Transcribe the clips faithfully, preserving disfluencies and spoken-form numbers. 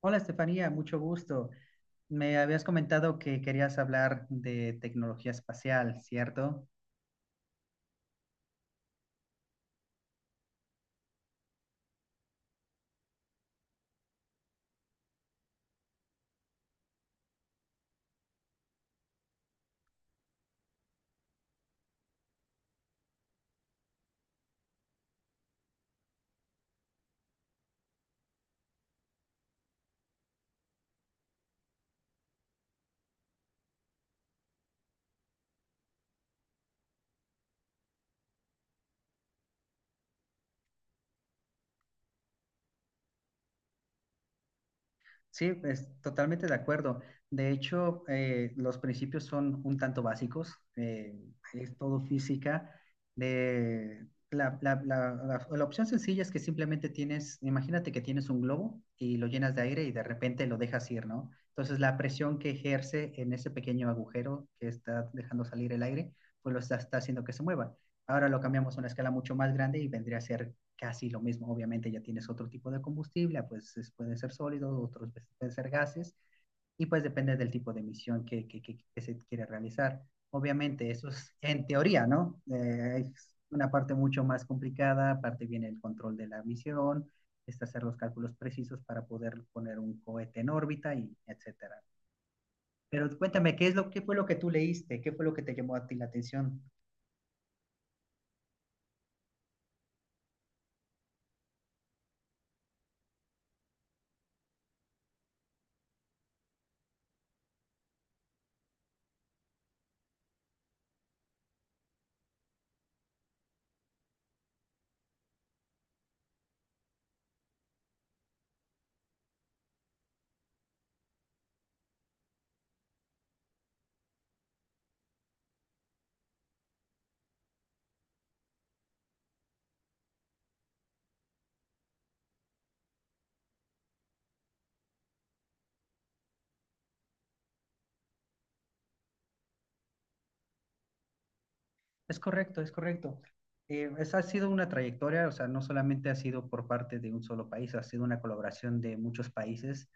Hola Estefanía, mucho gusto. Me habías comentado que querías hablar de tecnología espacial, ¿cierto? Sí, es totalmente de acuerdo. De hecho, eh, los principios son un tanto básicos. Eh, es todo física. De la, la- la- la- la opción sencilla es que simplemente tienes, imagínate que tienes un globo y lo llenas de aire y de repente lo dejas ir, ¿no? Entonces, la presión que ejerce en ese pequeño agujero que está dejando salir el aire, pues lo está, está haciendo que se mueva. Ahora lo cambiamos a una escala mucho más grande y vendría a ser casi lo mismo, obviamente ya tienes otro tipo de combustible, ah, pues pueden ser sólidos, otros pues, pueden ser gases, y pues depende del tipo de misión que, que, que, que se quiere realizar. Obviamente, eso es en teoría, ¿no? Eh, es una parte mucho más complicada, aparte viene el control de la misión, es hacer los cálculos precisos para poder poner un cohete en órbita y etcétera. Pero cuéntame, ¿qué es lo qué fue lo que tú leíste? ¿Qué fue lo que te llamó a ti la atención? Es correcto, es correcto. Eh, esa ha sido una trayectoria, o sea, no solamente ha sido por parte de un solo país, ha sido una colaboración de muchos países,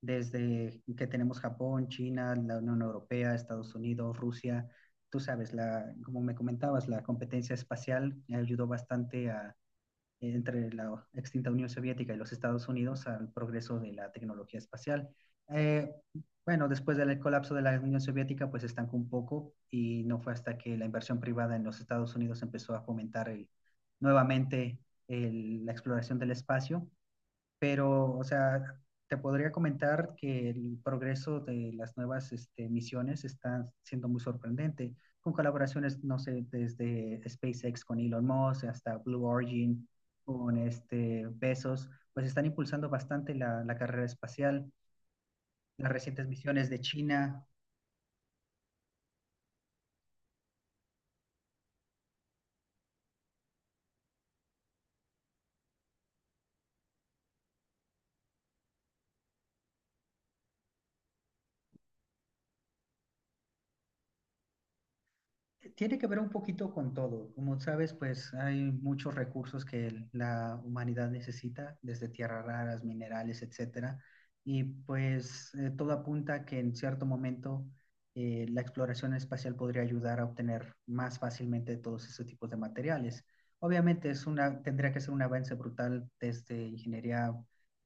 desde que tenemos Japón, China, la Unión Europea, Estados Unidos, Rusia. Tú sabes, la, como me comentabas, la competencia espacial ayudó bastante a, entre la extinta Unión Soviética y los Estados Unidos al progreso de la tecnología espacial. Eh, bueno, después del colapso de la Unión Soviética, pues estancó un poco y no fue hasta que la inversión privada en los Estados Unidos empezó a fomentar el, nuevamente el, la exploración del espacio, pero, o sea, te podría comentar que el progreso de las nuevas este, misiones está siendo muy sorprendente, con colaboraciones, no sé, desde SpaceX con Elon Musk hasta Blue Origin con este Bezos, pues están impulsando bastante la, la carrera espacial. Las recientes misiones de China tiene que ver un poquito con todo. Como sabes, pues hay muchos recursos que el- la humanidad necesita, desde tierras raras, minerales, etcétera. Y pues eh, todo apunta a que en cierto momento eh, la exploración espacial podría ayudar a obtener más fácilmente todos esos tipos de materiales. Obviamente es una, tendría que ser un avance brutal desde ingeniería,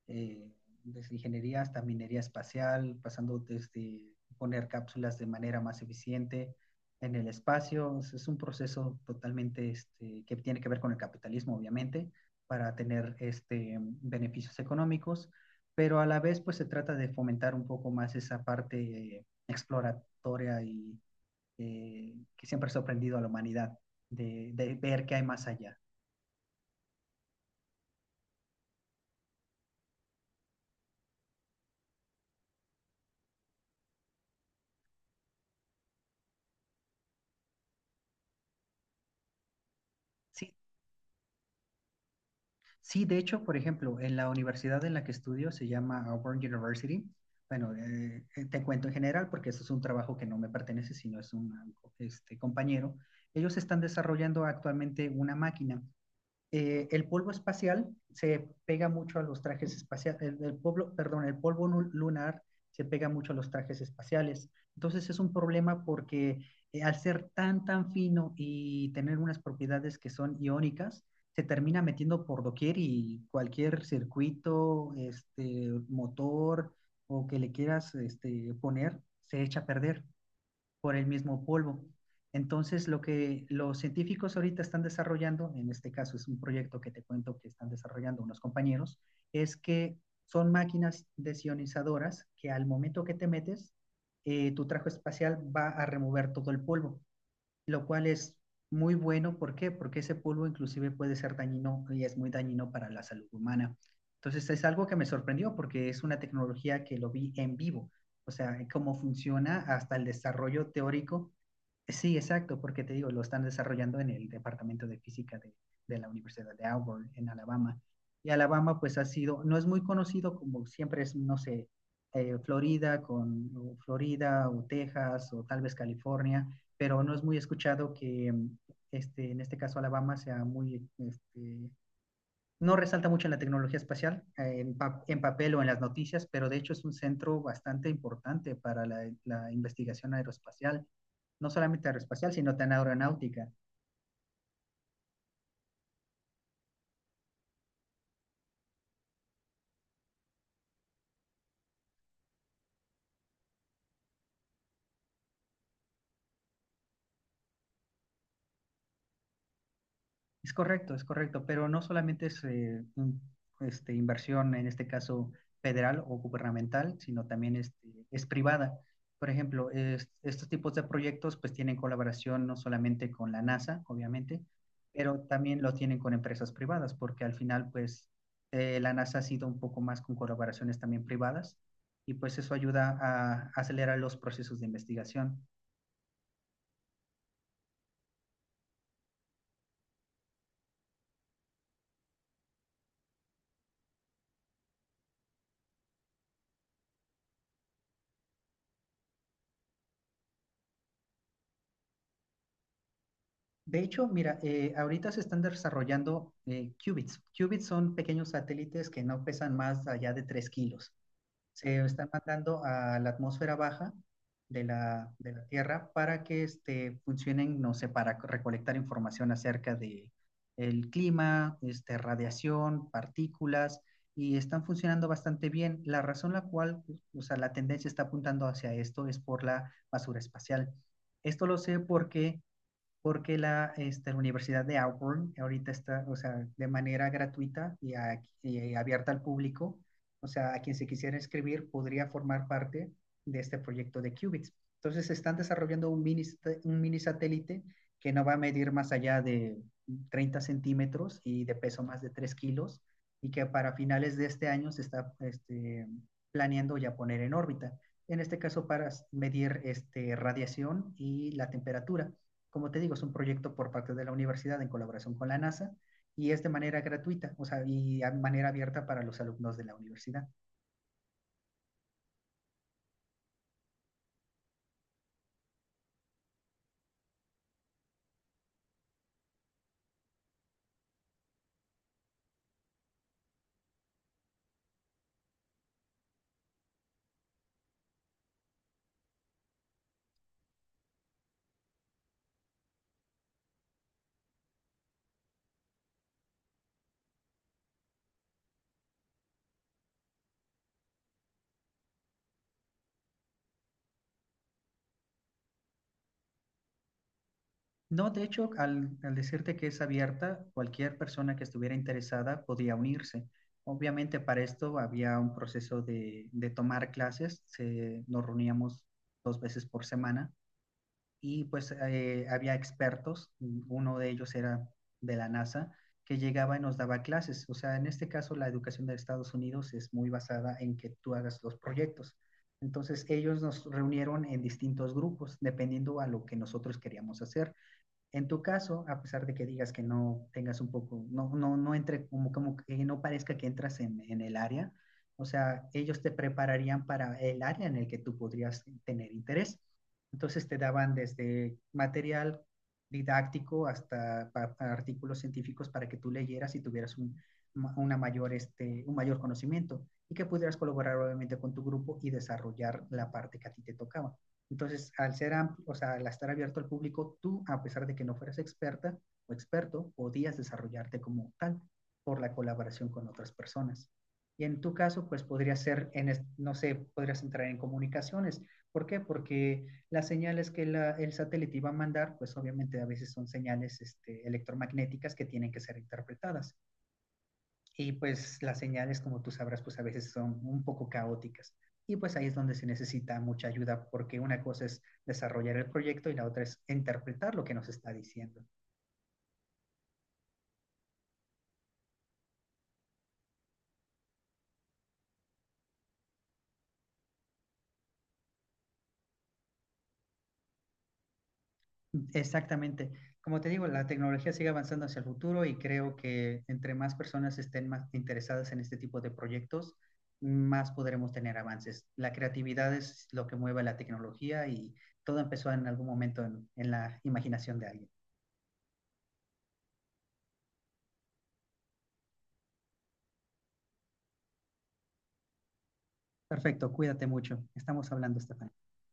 eh, desde ingeniería hasta minería espacial, pasando desde poner cápsulas de manera más eficiente en el espacio. Es un proceso totalmente este, que tiene que ver con el capitalismo, obviamente, para tener este, beneficios económicos, pero a la vez pues se trata de fomentar un poco más esa parte eh, exploratoria y eh, que siempre ha sorprendido a la humanidad de, de ver qué hay más allá. Sí, sí, de hecho, por ejemplo, en la universidad en la que estudio se llama Auburn University. Bueno, eh, eh, te cuento en general porque eso es un trabajo que no me pertenece, sino es un este, compañero. Ellos están desarrollando actualmente una máquina. Eh, el polvo espacial se pega mucho a los trajes espaciales, el, el polvo, perdón, el polvo lunar se pega mucho a los trajes espaciales. Entonces es un problema porque eh, al ser tan, tan fino y tener unas propiedades que son iónicas, se termina metiendo por doquier y cualquier circuito, este, motor o que le quieras este, poner, se echa a perder por el mismo polvo. Entonces, lo que los científicos ahorita están desarrollando, en este caso es un proyecto que te cuento que están desarrollando unos compañeros, es que son máquinas desionizadoras que al momento que te metes, eh, tu traje espacial va a remover todo el polvo, lo cual es muy bueno. ¿Por qué? Porque ese polvo inclusive puede ser dañino y es muy dañino para la salud humana. Entonces es algo que me sorprendió porque es una tecnología que lo vi en vivo, o sea, cómo funciona hasta el desarrollo teórico. Sí, exacto, porque te digo, lo están desarrollando en el Departamento de Física de, de la Universidad de Auburn, en Alabama. Y Alabama, pues ha sido, no es muy conocido como siempre es, no sé, eh, Florida con o Florida o Texas o tal vez California, pero no es muy escuchado que mm, este, en este caso Alabama sea muy este, no resalta mucho en la tecnología espacial, eh, en, pa- en papel o en las noticias, pero de hecho es un centro bastante importante para la, la investigación aeroespacial, no solamente aeroespacial, sino tan aeronáutica. Es correcto, es correcto, pero no solamente es eh, un- este, inversión, en este caso federal o gubernamental, sino también este, es privada. Por ejemplo, es- estos tipos de proyectos pues tienen colaboración no solamente con la NASA, obviamente, pero también lo tienen con empresas privadas, porque al final pues eh, la NASA ha sido un poco más con colaboraciones también privadas y pues eso ayuda a acelerar los procesos de investigación. De hecho, mira, eh, ahorita se están desarrollando eh, qubits. Qubits son pequeños satélites que no pesan más allá de tres kilos. Se están mandando a la atmósfera baja de la, de la Tierra para que este, funcionen, no sé, para recolectar información acerca de el clima, este, radiación, partículas, y están funcionando bastante bien. La razón la cual, o sea, la tendencia está apuntando hacia esto es por la basura espacial. Esto lo sé porque porque la, este, la Universidad de Auburn ahorita está, o sea, de manera gratuita y, a- y abierta al público, o sea, a quien se quisiera inscribir podría formar parte de este proyecto de qubits. Entonces, están desarrollando un mini, un mini satélite que no va a medir más allá de treinta centímetros y de peso más de tres kilos, y que para finales de este año se está este, planeando ya poner en órbita. En este caso, para medir este, radiación y la temperatura. Como te digo, es un proyecto por parte de la universidad en colaboración con la NASA y es de manera gratuita, o sea, y de manera abierta para los alumnos de la universidad. No, de hecho, al, al decirte que es abierta, cualquier persona que estuviera interesada podía unirse. Obviamente para esto había un proceso de, de tomar clases, se, nos reuníamos dos veces por semana y pues eh, había expertos, uno de ellos era de la NASA, que llegaba y nos daba clases. O sea, en este caso la educación de Estados Unidos es muy basada en que tú hagas los proyectos. Entonces ellos nos reunieron en distintos grupos, dependiendo a lo que nosotros queríamos hacer. En tu caso, a pesar de que digas que no tengas un poco, no, no, no entre, como, como que no parezca que entras en, en el área, o sea, ellos te prepararían para el área en el que tú podrías tener interés. Entonces te daban desde material didáctico hasta pa- pa artículos científicos para que tú leyeras y tuvieras un, una mayor, este, un mayor conocimiento y que pudieras colaborar obviamente con tu grupo y desarrollar la parte que a ti te tocaba. Entonces, al ser amplio, o sea, al estar abierto al público, tú, a pesar de que no fueras experta o experto, podías desarrollarte como tal por la colaboración con otras personas. Y en tu caso, pues podría ser, en, no sé, podrías entrar en comunicaciones. ¿Por qué? Porque las señales que la, el satélite iba a mandar, pues obviamente a veces son señales este, electromagnéticas que tienen que ser interpretadas y pues las señales, como tú sabrás, pues a veces son un poco caóticas. Y pues ahí es donde se necesita mucha ayuda, porque una cosa es desarrollar el proyecto y la otra es interpretar lo que nos está diciendo. Exactamente. Como te digo, la tecnología sigue avanzando hacia el futuro y creo que entre más personas estén más interesadas en este tipo de proyectos, más podremos tener avances. La creatividad es lo que mueve la tecnología y todo empezó en algún momento en, en la imaginación de alguien. Perfecto, cuídate mucho. Estamos hablando, Estefan.